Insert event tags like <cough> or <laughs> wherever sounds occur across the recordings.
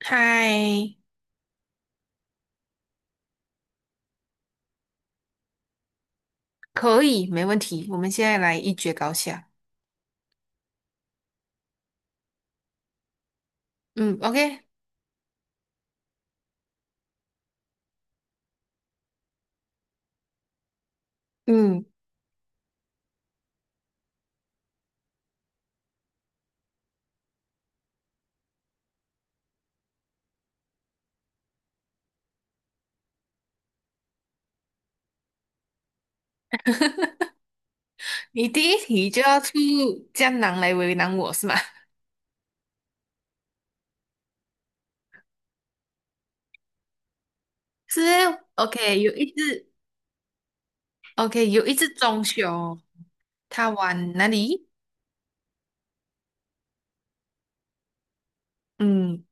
嗨，可以，没问题。我们现在来一决高下。嗯，OK，嗯，你第一题就要出江南来为难我是吗？<laughs> 是，OK，有一只 <laughs>，OK，有一只棕熊，它往哪里？嗯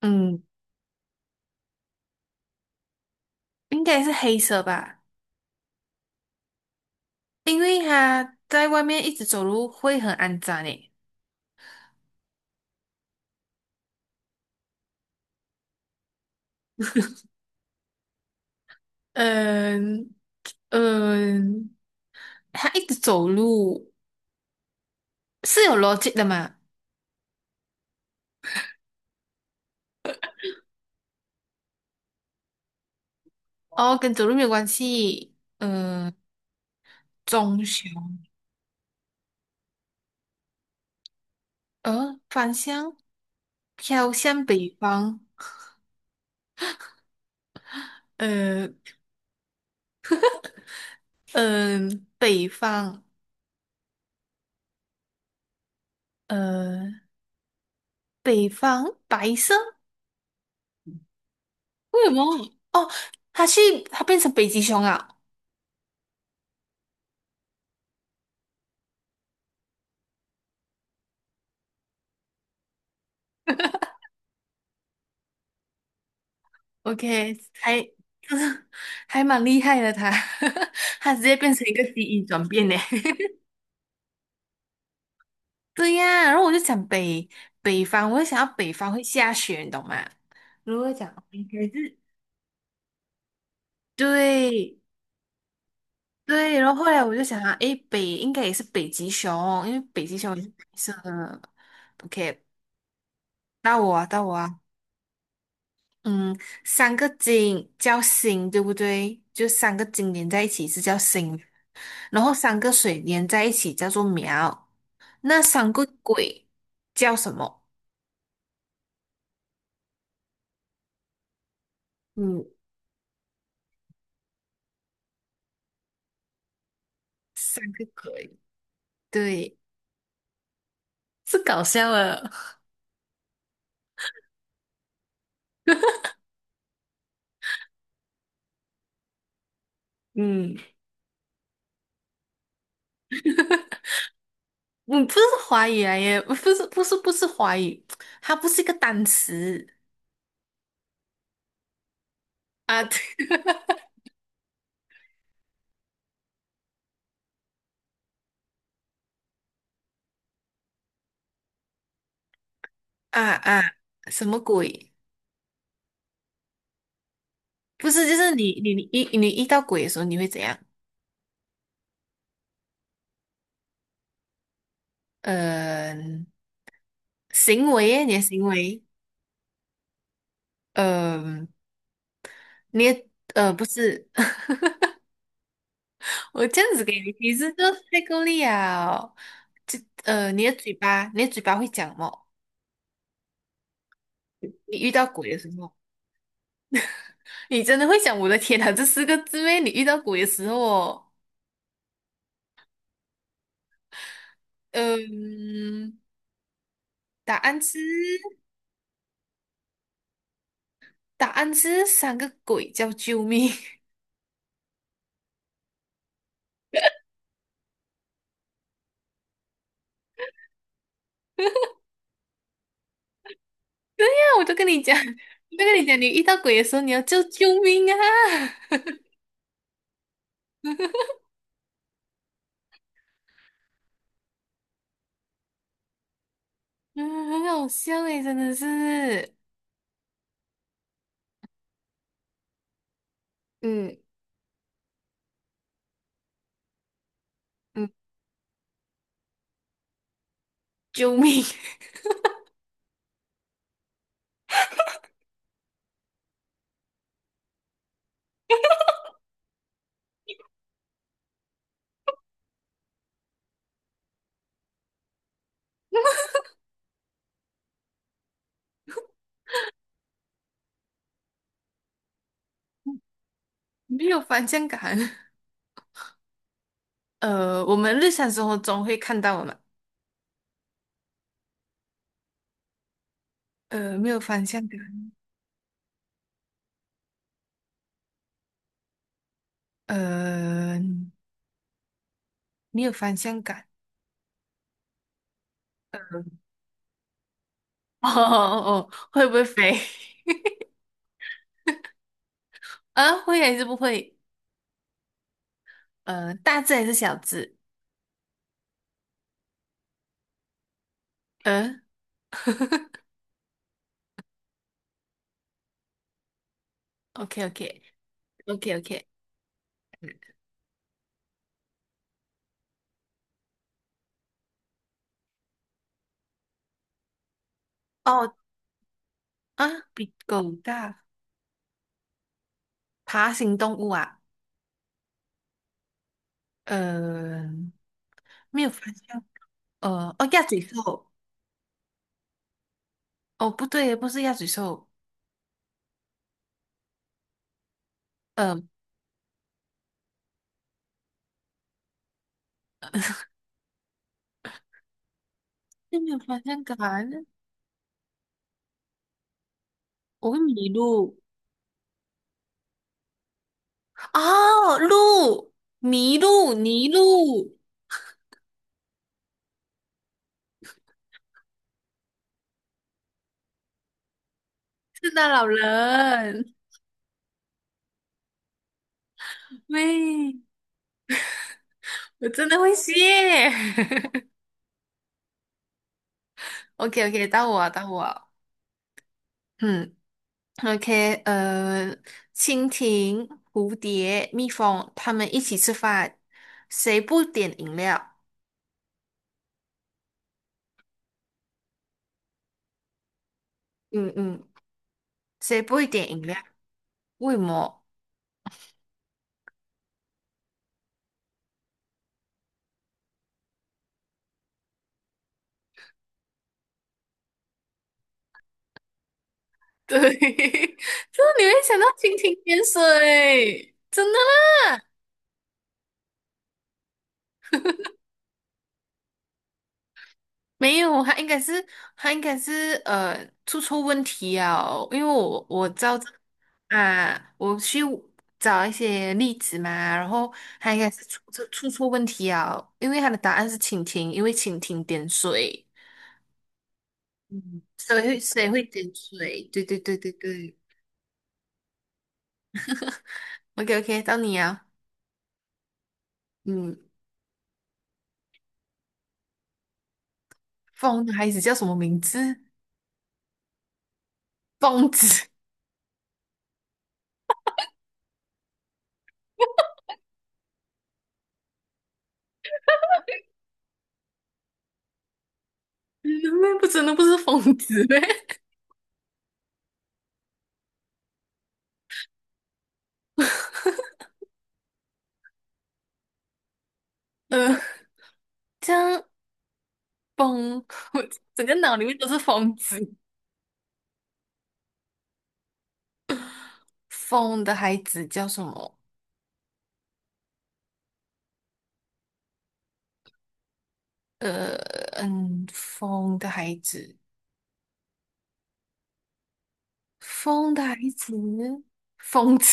嗯，应该是黑色吧，因为它在外面一直走路会很肮脏诶。嗯嗯，它一直走路是有逻辑的嘛？哦，跟走路没有关系。嗯。棕熊，返乡，飘向北方，呃，嗯、北方，呃，北方白色，为什么？哦，它去，它变成北极熊啊，OK，还，<laughs> 可是，还蛮厉害的它，<laughs> 它直接变成一个基因转变呢。<laughs> 对呀，然后我就想北方，我就想要北方会下雪，你懂吗？如果讲应该是对，对，然后后来我就想啊，诶，北应该也是北极熊，因为北极熊也是白色的。OK，到我啊，到我啊，嗯，三个金叫星，对不对？就三个金连在一起是叫星，然后三个水连在一起叫做苗。那三个鬼叫什么？嗯，三个鬼，对，是搞笑的。嗯，嗯，不是华语来耶，不是，不是，不是华语，它不是一个单词。啊，<laughs> 啊啊，什么鬼？不是，就是你遇到鬼的时候，你会怎样？嗯、行为耶你的行为，嗯、你的不是，<laughs> 我这样子给你你是就太够力啊！就你的嘴巴，你的嘴巴会讲么？你遇到鬼的时候，你真的会讲我的天哪，这四个字咩？你遇到鬼的时候哦，嗯、答案是答案是三个鬼叫救命。那我就跟你讲，我就跟你讲，你遇到鬼的时候你要叫救命啊！<laughs> 嗯，很好笑诶，真的是，嗯嗯，救命，<laughs> 没有方向感。我们日常生活中会看到我们，没有方向感，呃，没有方向感。<laughs> 哦哦哦，会不会飞？<laughs> 啊，会还是不会？大只还是小只？呃，OK OK OK OK，哦啊，比狗大，爬行动物啊。呃，没有方向，呃，哦，鸭嘴兽，哦，不对，不是鸭嘴兽，嗯，又没有方向感，我会迷路，哦，路，迷路，迷路，圣诞老人，<laughs> 喂，我真的会谢 <laughs> o k o k <laughs> 到我，到我，嗯，OK，蜻蜓、蝴蝶、蜜蜂，它们一起吃饭，谁不点饮料？嗯嗯，谁不会点饮料？为什么？对，<laughs> 就是你会想到蜻蜓点水，真的吗？没有，他应该是出错问题哦，因为我照着啊，我去找一些例子嘛，然后他应该是出错问题啊，因为他的答案是蜻蜓，因为蜻蜓点水，嗯，谁会点水？对对对对对，OK OK，到你啊，嗯，风的孩子叫什么名字？疯子。你那妹不真的不是疯子呗？<laughs> 呃，这样疯，<laughs> 我整个脑里面都是疯子。疯的孩子叫什么？呃，嗯，疯的孩子，疯的孩子，疯子，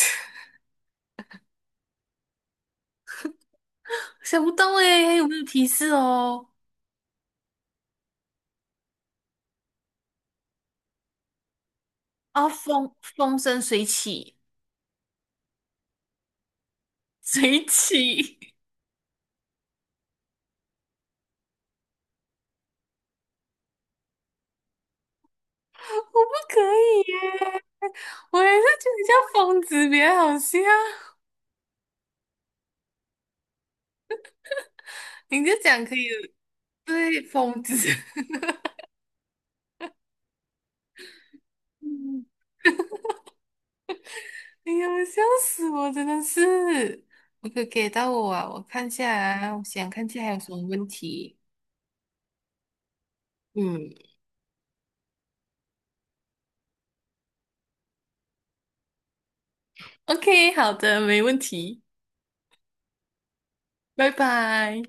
<laughs> 想不到诶，还有没有提示哦？啊，风生水起，水起，<laughs> 我不可以耶，我还是觉得叫疯子比较好笑。你就讲可以了对，疯子。<laughs> 哎呀，笑死我！真的是，我可给到我啊！我看下啊，我想看下还有什么问题。嗯，OK，好的，没问题，拜拜。